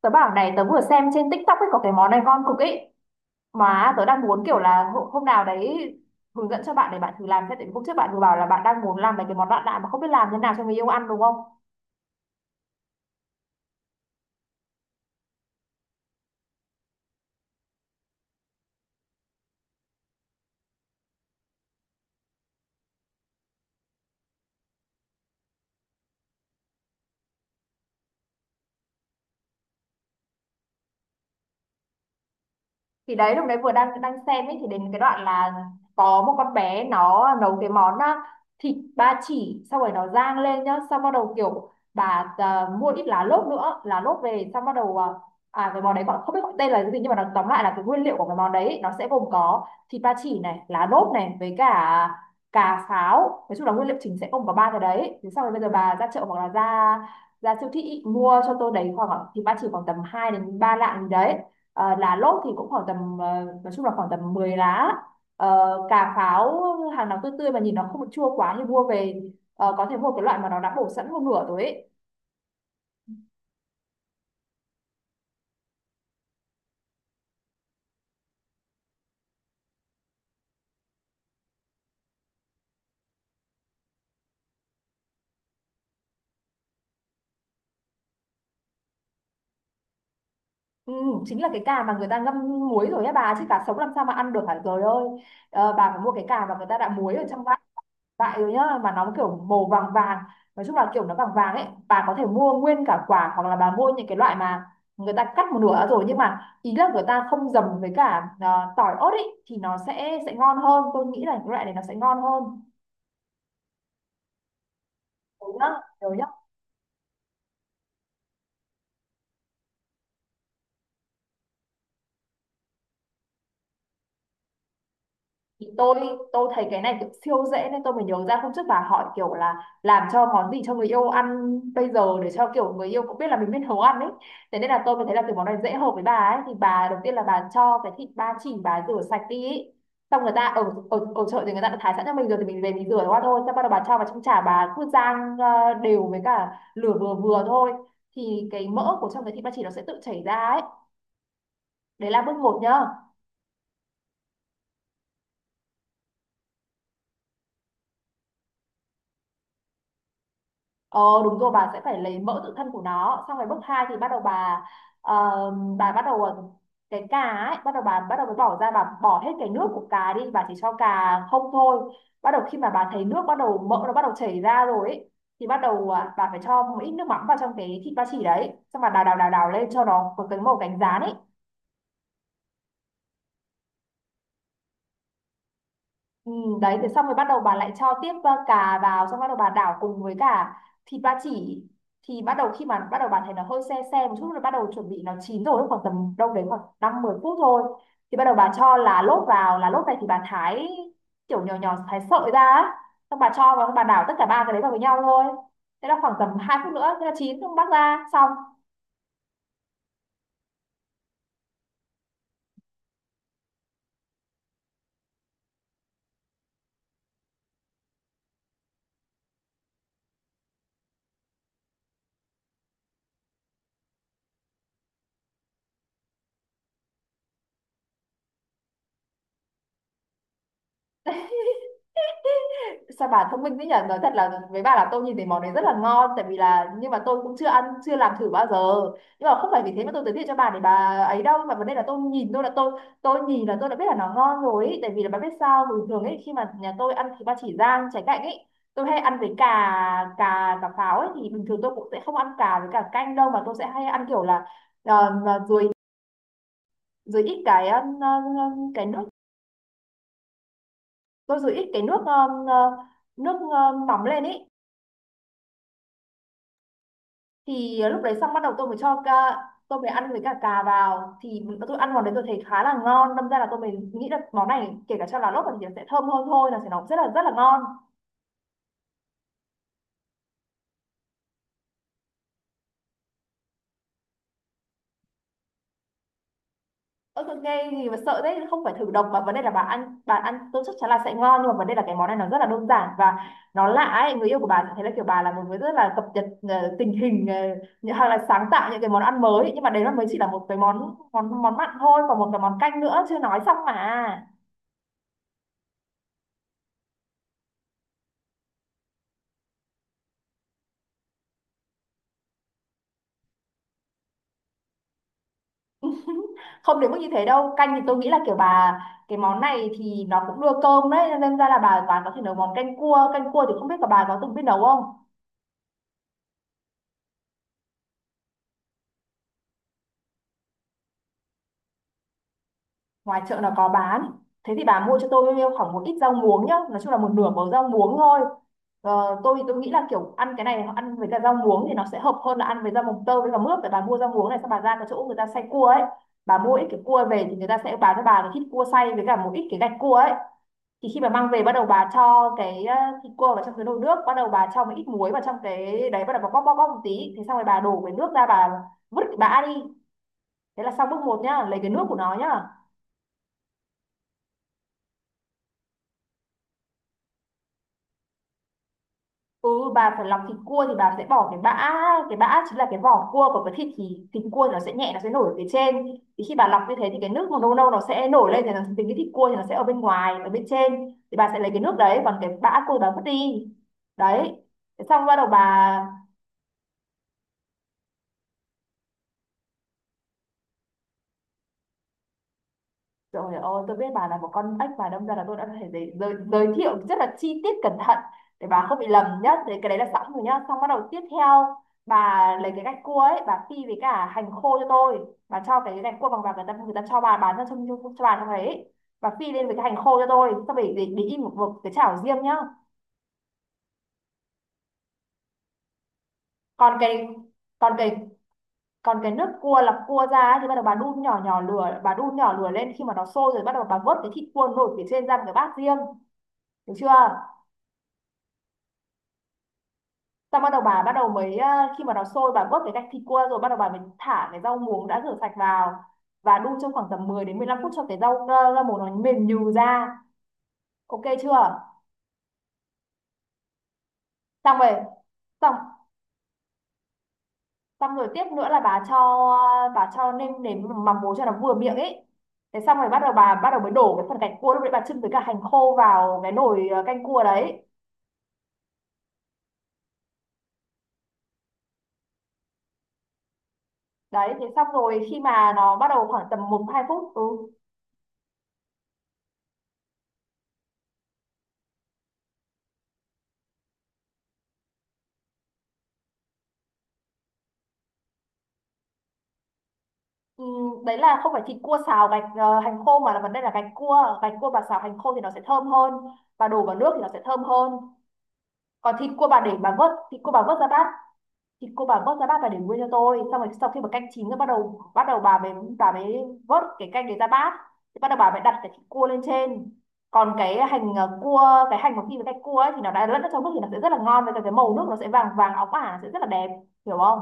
Tớ bảo này, tớ vừa xem trên TikTok ấy, có cái món này ngon cực ấy, mà tớ đang muốn kiểu là hôm nào đấy hướng dẫn cho bạn để bạn thử làm. Thế tại vì hôm trước bạn vừa bảo là bạn đang muốn làm mấy cái món lạ lạ mà không biết làm thế nào cho người yêu ăn, đúng không? Thì đấy, lúc đấy vừa đang đang xem ấy, thì đến cái đoạn là có một con bé nó nấu cái món, thịt ba chỉ xong rồi nó rang lên nhá. Xong bắt đầu kiểu bà, mua ít lá lốt nữa, lá lốt về xong bắt đầu, cái món đấy gọi, không biết gọi tên là cái gì, nhưng mà nó tóm lại là cái nguyên liệu của cái món đấy nó sẽ gồm có thịt ba chỉ này, lá lốt này, với cả cà pháo. Nói chung là nguyên liệu chính sẽ gồm có ba cái đấy. Thế xong rồi bây giờ bà ra chợ hoặc là ra ra siêu thị mua cho tôi đấy khoảng thịt ba chỉ khoảng tầm 2 đến 3 lạng gì đấy. Lá lốt thì cũng khoảng tầm, nói chung là khoảng tầm 10 lá. Cà pháo, hàng nào tươi tươi mà nhìn nó không chua quá thì mua về. Có thể mua cái loại mà nó đã bổ sẵn một nửa rồi ấy. Ừ, chính là cái cà mà người ta ngâm muối rồi á bà, chứ cá sống làm sao mà ăn được, hả trời ơi. Bà phải mua cái cà mà người ta đã muối ở trong vại, rồi nhá, mà nó kiểu màu vàng vàng. Nói chung là kiểu nó vàng vàng ấy, bà có thể mua nguyên cả quả hoặc là bà mua những cái loại mà người ta cắt một nửa rồi, nhưng mà ý là người ta không dầm với cả, tỏi ớt ấy, thì nó sẽ ngon hơn. Tôi nghĩ là cái loại này nó sẽ ngon hơn, đúng không? Thì tôi thấy cái này kiểu siêu dễ, nên tôi mới nhớ ra hôm trước bà hỏi kiểu là làm cho món gì cho người yêu ăn bây giờ để cho kiểu người yêu cũng biết là mình biết nấu ăn ấy. Thế nên là tôi mới thấy là kiểu món này dễ, hợp với bà ấy. Thì bà đầu tiên là bà cho cái thịt ba chỉ, bà rửa sạch đi ấy. Xong người ta ở, ở ở chợ thì người ta đã thái sẵn cho mình rồi thì mình về mình rửa qua thôi. Xong bắt đầu bà cho vào trong chả, bà cứ rang đều với cả lửa vừa vừa thôi, thì cái mỡ của trong cái thịt ba chỉ nó sẽ tự chảy ra ấy. Đấy là bước một nhá. Ờ đúng rồi, bà sẽ phải lấy mẫu tự thân của nó. Xong rồi bước 2 thì bắt đầu bà, ờ, bà bắt đầu ờ, cái cà ấy, bắt đầu bà bắt đầu mới bỏ ra, bà bỏ hết cái nước của cà đi, bà chỉ cho cà không thôi. Bắt đầu khi mà bà thấy nước bắt đầu, mỡ nó bắt đầu chảy ra rồi ấy, thì bắt đầu, bà phải cho một ít nước mắm vào trong cái thịt ba chỉ đấy. Xong bà đào đào đào đào lên cho nó có cái màu cánh gián ấy. Ừ, đấy, thế xong rồi bắt đầu bà lại cho tiếp, cà vào. Xong bắt đầu bà đảo cùng với cả thịt ba chỉ, thì bắt đầu khi mà bắt đầu bà thấy nó hơi se se một chút rồi, bắt đầu chuẩn bị nó chín rồi, khoảng tầm đâu đấy khoảng năm mười phút thôi, thì bắt đầu bà cho lá lốt vào. Lá lốt này thì bà thái kiểu nhỏ nhỏ, thái sợi ra á. Xong bà cho vào, bà đảo tất cả ba cái đấy vào với nhau thôi. Thế là khoảng tầm 2 phút nữa thế là chín. Xong bắt ra xong. Sao bà thông minh thế nhỉ? Nói thật là với bà là tôi nhìn thấy món đấy rất là ngon. Tại vì là, nhưng mà tôi cũng chưa ăn, chưa làm thử bao giờ, nhưng mà không phải vì thế mà tôi giới thiệu cho bà để bà ấy đâu, mà vấn đề là tôi nhìn, tôi là tôi nhìn là tôi đã biết là nó ngon rồi ý. Tại vì là bà biết sao, bình thường ấy khi mà nhà tôi ăn thịt ba chỉ rang trái cạnh ấy, tôi hay ăn với cà, cà pháo ấy, thì bình thường tôi cũng sẽ không ăn cà với cả canh đâu, mà tôi sẽ hay ăn kiểu là, mà rồi, ít cái, cái nước tôi, rồi ít cái nước, nước, nóng lên ý, thì lúc đấy xong bắt đầu tôi mới cho ca, tôi mới ăn với cả cà vào. Thì tôi ăn vào đấy, tôi thấy khá là ngon. Đâm ra là tôi mới nghĩ là món này kể cả cho lá lốt thì nó sẽ thơm hơn thôi, là sẽ nó rất là ngon. Ơ tôi nghe gì mà sợ đấy, không phải thử độc, mà vấn đề là bà ăn, tôi chắc chắn là sẽ ngon. Nhưng mà vấn đề là cái món này nó rất là đơn giản và nó lạ ấy, người yêu của bà sẽ thấy là kiểu bà là một người rất là cập nhật, tình hình, hay là sáng tạo những cái món ăn mới. Nhưng mà đấy nó mới chỉ là một cái món món món mặn thôi, còn một cái món canh nữa chưa nói xong mà. Không đến mức như thế đâu. Canh thì tôi nghĩ là kiểu bà, cái món này thì nó cũng đưa cơm đấy, nên ra là bà có thể nấu món canh cua. Canh cua thì không biết là bà có từng biết nấu không? Ngoài chợ nó có bán. Thế thì bà mua cho tôi khoảng một ít rau muống nhá, nói chung là một nửa bầu rau muống thôi. Tôi nghĩ là kiểu ăn cái này ăn với cả rau muống thì nó sẽ hợp hơn là ăn với rau mồng tơi với cả mướp. Để bà mua rau muống này, xong bà ra cái chỗ người ta xay cua ấy, bà mua ít cái cua về thì người ta sẽ bán cho bà một ít cua xay với cả một ít cái gạch cua ấy. Thì khi mà mang về, bắt đầu bà cho cái, thịt cua vào trong cái nồi nước. Bắt đầu bà cho một ít muối vào trong cái đấy, bắt đầu bà bóp bóp bóp một tí. Thế xong rồi bà đổ cái nước ra, bà vứt cái bã đi. Thế là xong bước một nhá, lấy cái nước của nó nhá. Ừ, bà phải lọc thịt cua thì bà sẽ bỏ cái bã. Cái bã chính là cái vỏ cua của cái thịt. Thì thịt cua nó sẽ nhẹ, nó sẽ nổi ở phía trên. Thì khi bà lọc như thế thì cái nước màu nâu nâu nó sẽ nổi lên, thì nó tính cái thịt cua thì nó sẽ ở bên ngoài, ở bên trên, thì bà sẽ lấy cái nước đấy, còn cái bã cua bà vứt đi. Đấy. Thế xong bắt đầu bà, rồi, ơi, tôi biết bà là một con ếch mà, đâm ra là tôi đã có thể giới thiệu rất là chi tiết cẩn thận để bà không bị lầm nhá. Thế cái đấy là sẵn rồi nhá. Xong bắt đầu tiếp theo, bà lấy cái gạch cua ấy, bà phi với cả hành khô cho tôi. Bà cho cái gạch cua bằng vàng người ta cho bà bán ra trong cho bà trong đấy. Bà phi lên với cái hành khô cho tôi, xong rồi để in một cái chảo riêng nhá. Còn cái còn cái Còn cái nước cua lọc cua ra ấy, thì bắt đầu bà đun nhỏ nhỏ lửa, bà đun nhỏ lửa lên, khi mà nó sôi rồi bắt đầu bà vớt cái thịt cua nổi phía trên ra một cái bát riêng, được chưa? Xong bắt đầu bà bắt đầu mới, khi mà nó sôi bà vớt cái gạch thịt qua, rồi bắt đầu bà mới thả cái rau muống đã rửa sạch vào và đun trong khoảng tầm 10 đến 15 phút cho cái rau, rau muống nó mềm nhừ ra. Ok chưa? Xong rồi. Xong xong rồi tiếp nữa là bà cho, nêm nếm mắm muối cho nó vừa miệng ấy. Thế xong rồi bắt đầu bà bắt đầu mới đổ cái phần gạch cua lúc đấy bà chưng với cả hành khô vào cái nồi canh cua đấy. Đấy thế xong rồi khi mà nó bắt đầu khoảng tầm một 2 phút Ừ, đấy là không phải thịt cua xào gạch hành khô, mà là vấn đề là gạch cua, gạch cua bà xào hành khô thì nó sẽ thơm hơn, bà đổ vào nước thì nó sẽ thơm hơn. Còn thịt cua bà để, bà vớt thịt cua, bà vớt ra bát, thịt cua bà vớt ra bát và để nguyên cho tôi. Xong rồi sau khi mà canh chín rồi bắt đầu bà mới vớt cái canh đấy ra bát, thì bắt đầu bà mới đặt cái thịt cua lên trên. Còn cái hành cua, cái hành mà khi với gạch cua ấy thì nó đã lẫn ở trong nước thì nó sẽ rất là ngon, với cả cái màu nước nó sẽ vàng vàng óng ả, sẽ rất là đẹp, hiểu không?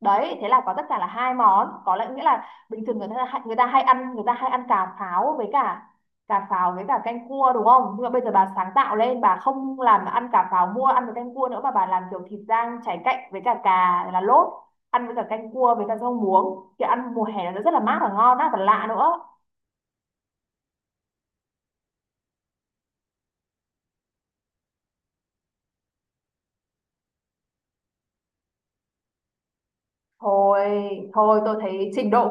Đấy, thế là có tất cả là hai món. Có lẽ nghĩa là bình thường người ta, người ta hay ăn, người ta hay ăn cà pháo với cả cà pháo với cả canh cua, đúng không? Nhưng mà bây giờ bà sáng tạo lên, bà không làm ăn cà pháo mua ăn với canh cua nữa, mà bà làm kiểu thịt rang cháy cạnh với cả cà là lốt, ăn với cả canh cua với cả rau muống thì ăn mùa hè nó rất là mát và ngon, rất là lạ nữa. Thôi thôi, tôi thấy trình độ,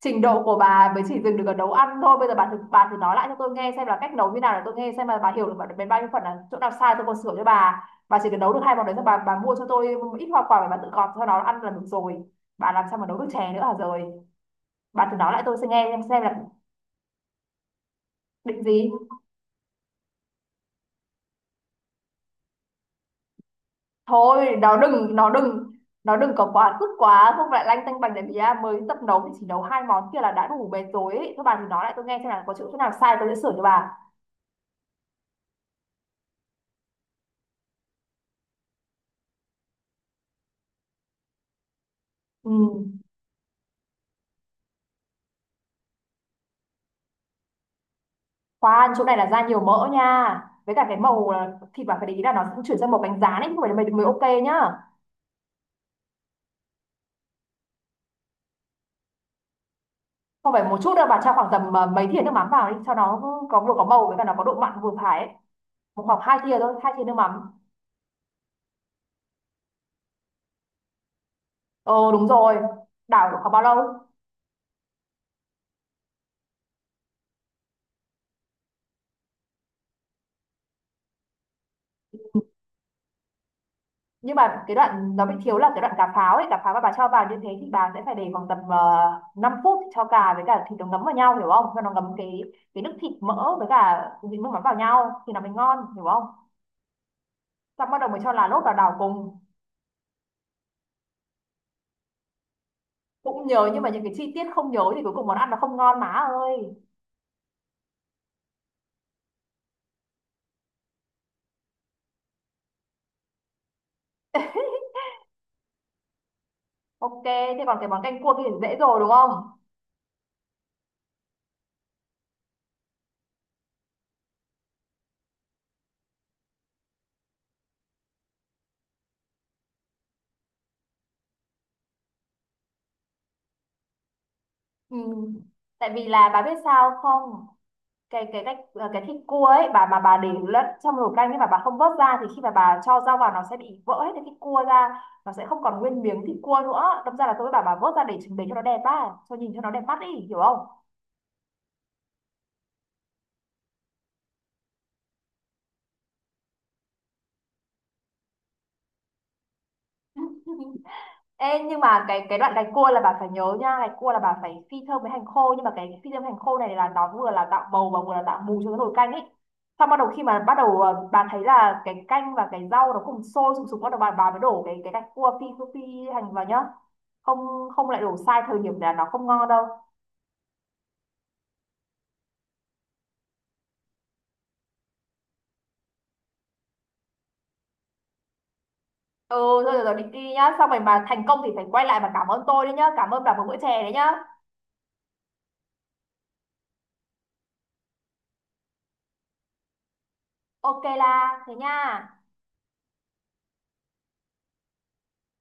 trình độ của bà mới chỉ dừng được ở nấu ăn thôi. Bây giờ bà thử, bà thử nói lại cho tôi nghe xem là cách nấu như nào, để tôi nghe xem là bà hiểu được đến bao nhiêu phần, là chỗ nào sai tôi còn sửa cho bà. Bà chỉ cần nấu được hai món đấy, xong bà mua cho tôi ít hoa quả để bà tự gọt cho nó ăn là được rồi, bà làm sao mà nấu được chè nữa hả? Rồi, bà thử nói lại tôi sẽ nghe xem là định gì. Thôi, nó đừng, nó đừng, nó đừng có quá sức quá, không lại lanh tanh bành, để bía mới tập nấu thì chỉ nấu hai món kia là đã đủ mệt rồi ấy. Thôi bà thử nói lại tôi nghe xem là có chỗ, nào sai tôi sẽ sửa cho bà. Ừ. Khoan, chỗ này là ra nhiều mỡ nha, với cả cái màu là thịt bạn phải để ý là nó cũng chuyển sang màu cánh gián ấy, không phải là mới, mới ok nhá. Không phải một chút đâu, bạn cho khoảng tầm mấy thìa nước mắm vào đi, cho nó có vừa, có màu với cả nó có độ mặn vừa phải ấy. Một khoảng hai thìa thôi, hai thìa nước mắm. Ờ đúng rồi, đảo được khoảng bao lâu? Nhưng mà cái đoạn nó bị thiếu là cái đoạn cà pháo ấy, cà pháo mà bà cho vào như thế thì bà sẽ phải để khoảng tầm 5 phút cho cà với cả thịt nó ngấm vào nhau, hiểu không? Cho nó ngấm cái nước thịt mỡ với cả cái nước mắm vào nhau thì nó mới ngon, hiểu không? Xong bắt đầu mình cho lá lốt vào đảo cùng. Cũng nhớ, nhưng mà những cái chi tiết không nhớ thì cuối cùng món ăn nó không ngon má ơi. Ok, thế còn cái món canh cua kia thì dễ rồi đúng không? Ừ. Tại vì là bà biết sao không, cái cách, cái thịt cua ấy, bà để lẫn trong nồi canh ấy mà bà không vớt ra thì khi mà bà cho rau vào nó sẽ bị vỡ hết cái thịt cua ra, nó sẽ không còn nguyên miếng thịt cua nữa, đâm ra là tôi với bà vớt ra để cho nó đẹp á, cho nhìn cho nó đẹp mắt đi, hiểu không? Ê, nhưng mà cái đoạn gạch cua là bà phải nhớ nha, gạch cua là bà phải phi thơm với hành khô, nhưng mà cái phi thơm hành khô này là nó vừa là tạo màu và vừa là tạo mùi cho cái nồi canh ấy. Xong bắt đầu khi mà bắt đầu bà thấy là cái canh và cái rau nó cùng sôi sùng sục, bắt đầu bà mới đổ cái gạch cua phi, phi hành vào nhá, không không lại đổ sai thời điểm là nó không ngon đâu. Ừ thôi rồi, rồi đi, đi nhá, xong rồi mà thành công thì phải quay lại và cảm ơn tôi đấy nhá, cảm ơn bà một bữa chè đấy nhá. Ok là thế nha.